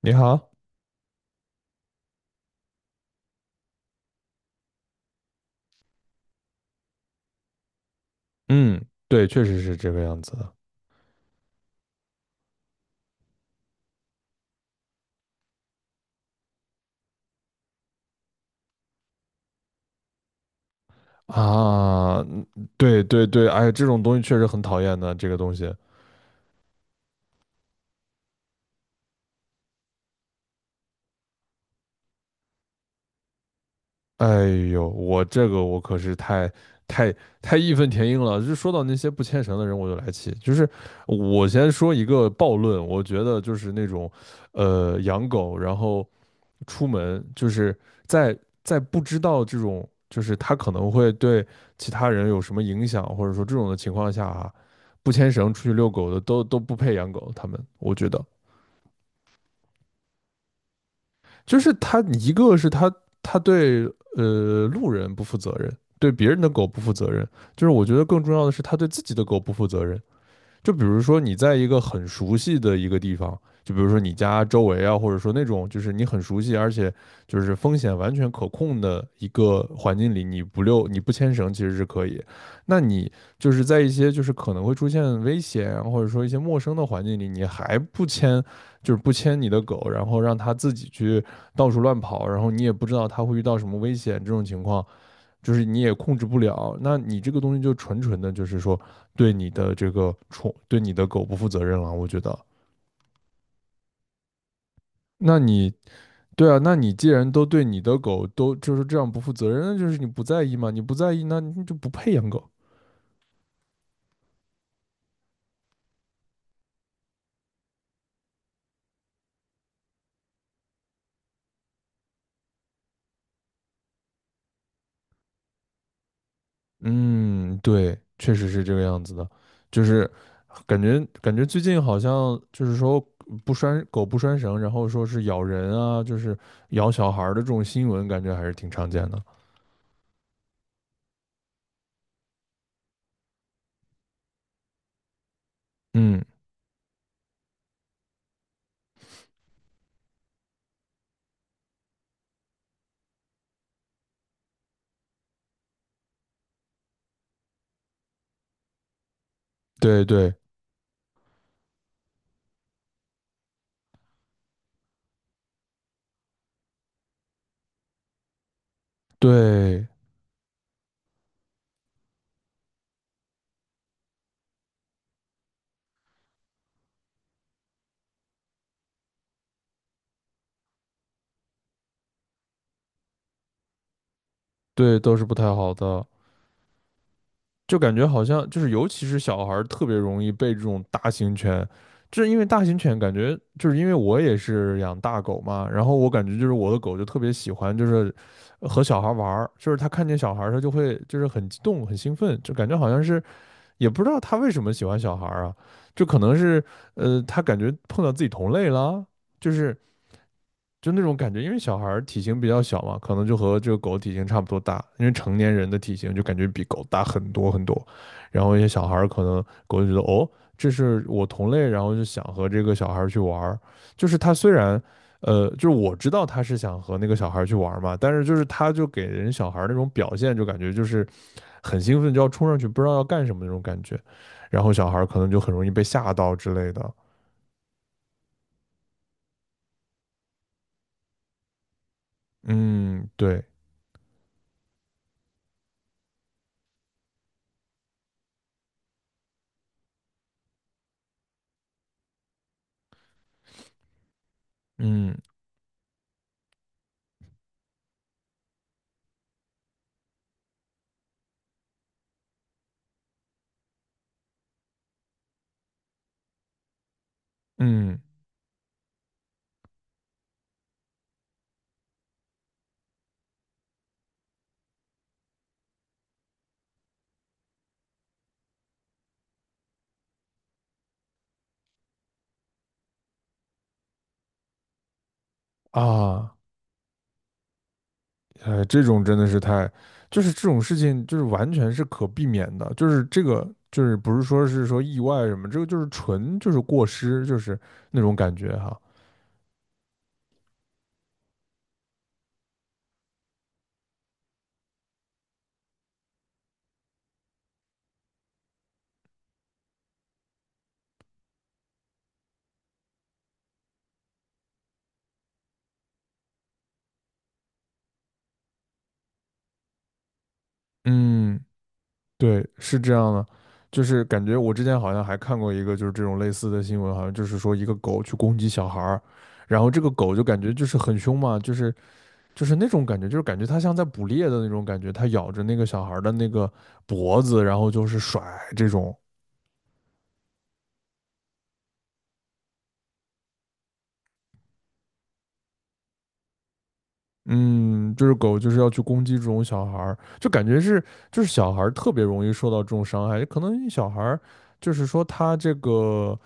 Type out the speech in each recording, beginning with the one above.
你好，嗯，对，确实是这个样子的啊，嗯对对对，哎，这种东西确实很讨厌的，这个东西，哎呦，我这个我可是太太太义愤填膺了，就说到那些不牵绳的人我就来气，就是我先说一个暴论，我觉得就是那种养狗，然后出门，就是在在不知道这种，就是他可能会对其他人有什么影响，或者说这种的情况下啊，不牵绳出去遛狗的都不配养狗。他们，我觉得就是他一个是他对路人不负责任，对别人的狗不负责任，就是我觉得更重要的是他对自己的狗不负责任。就比如说你在一个很熟悉的一个地方，就比如说你家周围啊，或者说那种就是你很熟悉，而且就是风险完全可控的一个环境里，你不溜你不牵绳其实是可以。那你就是在一些就是可能会出现危险啊或者说一些陌生的环境里，你还不牵，就是不牵你的狗，然后让它自己去到处乱跑，然后你也不知道它会遇到什么危险，这种情况。就是你也控制不了，那你这个东西就纯纯的，就是说对你的这个宠，对你的狗不负责任了。我觉得，那你对啊，那你既然都对你的狗都就是这样不负责任，那就是你不在意嘛，你不在意，那你就不配养狗。嗯，对，确实是这个样子的，就是感觉最近好像就是说不拴绳，然后说是咬人啊，就是咬小孩儿的这种新闻，感觉还是挺常见的。嗯，对对对。对，都是不太好的，就感觉好像就是，尤其是小孩儿特别容易被这种大型犬，就是因为大型犬感觉就是因为我也是养大狗嘛，然后我感觉就是我的狗就特别喜欢就是和小孩玩儿，就是它看见小孩儿它就会就是很激动很兴奋，就感觉好像是也不知道它为什么喜欢小孩儿啊，就可能是它感觉碰到自己同类了，就是就那种感觉，因为小孩体型比较小嘛，可能就和这个狗体型差不多大，因为成年人的体型就感觉比狗大很多很多，然后一些小孩可能狗就觉得哦，这是我同类，然后就想和这个小孩去玩儿就是他虽然。就是我知道他是想和那个小孩去玩儿嘛，但是就是他就给人小孩那种表现，就感觉就是很兴奋，就要冲上去，不知道要干什么那种感觉，然后小孩可能就很容易被吓到之类的。嗯，对，嗯嗯啊。哎，这种真的是太，就是这种事情，就是完全是可避免的，就是这个，就是不是说是说意外什么，这个就是纯就是过失，就是那种感觉哈。嗯，对，是这样的，就是感觉我之前好像还看过一个就是这种类似的新闻，好像就是说一个狗去攻击小孩儿，然后这个狗就感觉就是很凶嘛，就是那种感觉，就是感觉它像在捕猎的那种感觉，它咬着那个小孩儿的那个脖子，然后就是甩这种。嗯，就是狗就是要去攻击这种小孩儿，就感觉是就是小孩儿特别容易受到这种伤害，可能小孩儿就是说他这个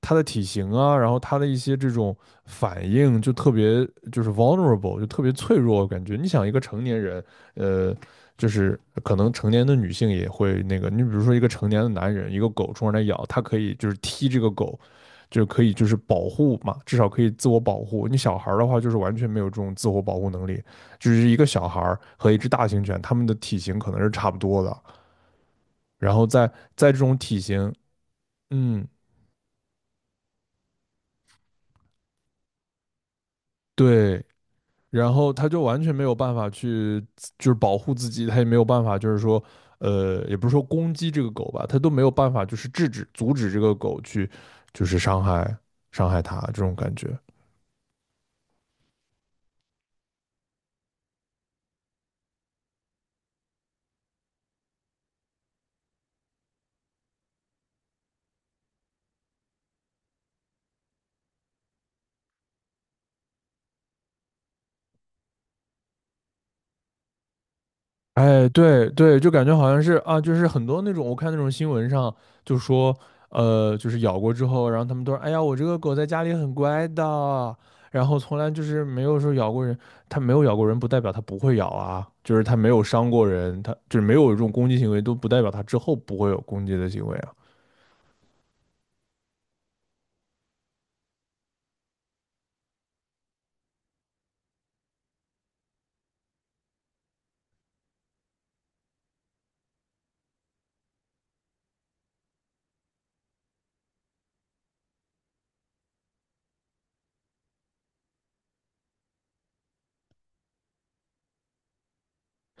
他的体型啊，然后他的一些这种反应就特别就是 vulnerable，就特别脆弱，感觉你想一个成年人，呃，就是可能成年的女性也会那个，你比如说一个成年的男人，一个狗冲上来咬，他可以就是踢这个狗，就可以就是保护嘛，至少可以自我保护。你小孩的话，就是完全没有这种自我保护能力，就是一个小孩和一只大型犬，它们的体型可能是差不多的，然后在这种体型，嗯，对，然后它就完全没有办法去就是保护自己，它也没有办法就是说，也不是说攻击这个狗吧，它都没有办法就是制止阻止这个狗去就是伤害它这种感觉。哎，对对，就感觉好像是啊，就是很多那种我看那种新闻上就说，就是咬过之后，然后他们都说，哎呀，我这个狗在家里很乖的，然后从来就是没有说咬过人，它没有咬过人，不代表它不会咬啊，就是它没有伤过人，它就是没有这种攻击行为，都不代表它之后不会有攻击的行为啊。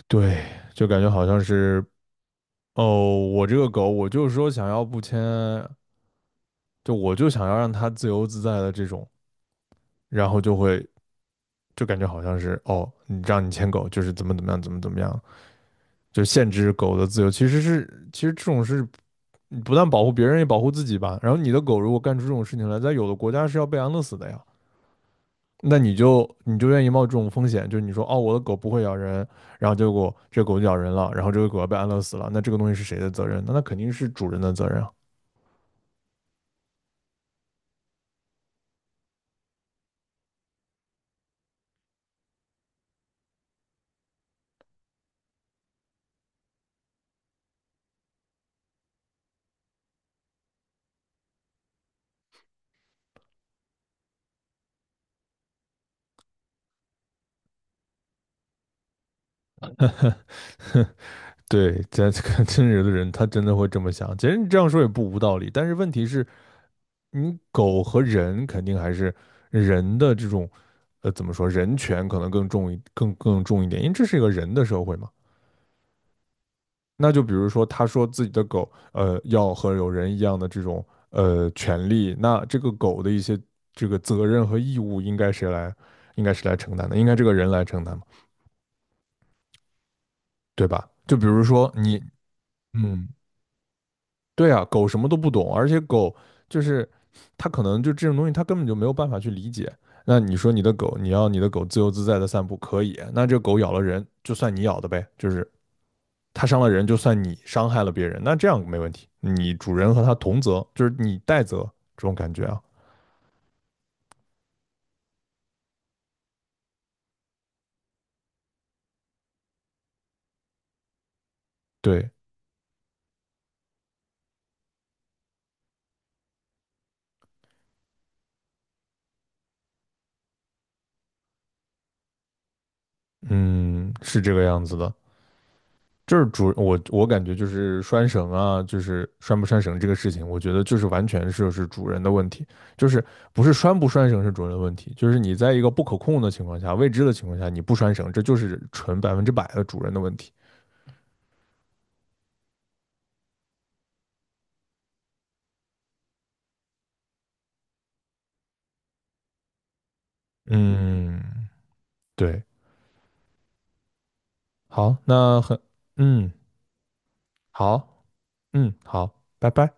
对，就感觉好像是，哦，我这个狗，我就是说想要不牵，就我就想要让它自由自在的这种，然后就会。就感觉好像是哦，你让你牵狗就是怎么怎么样，怎么怎么样，就限制狗的自由。其实是，其实这种是不但保护别人，也保护自己吧。然后你的狗如果干出这种事情来，在有的国家是要被安乐死的呀。那你就你就愿意冒这种风险，就是你说哦，我的狗不会咬人，然后结果这狗咬人了，然后这个狗要被安乐死了，那这个东西是谁的责任？那那肯定是主人的责任啊。对，在这个真有的人，他真的会这么想。其实你这样说也不无道理，但是问题是。你狗和人肯定还是人的这种，怎么说，人权可能更重一点，因为这是一个人的社会嘛。那就比如说，他说自己的狗，要和有人一样的这种权利，那这个狗的一些这个责任和义务应该谁来，承担的，应该这个人来承担嘛，对吧？就比如说你，嗯。对啊，狗什么都不懂，而且狗就是它可能就这种东西，它根本就没有办法去理解。那你说你的狗，你要你的狗自由自在的散步可以，那这狗咬了人，就算你咬的呗，就是它伤了人，就算你伤害了别人，那这样没问题，你主人和它同责，就是你代责这种感觉啊。对，嗯，是这个样子的。就是我感觉就是拴绳啊，就是拴不拴绳这个事情，我觉得就是完全就是主人的问题，就是不是拴不拴绳是主人的问题，就是你在一个不可控的情况下、未知的情况下，你不拴绳，这就是纯百分之百的主人的问题。嗯，对，好，那很，嗯，好，嗯，好，拜拜。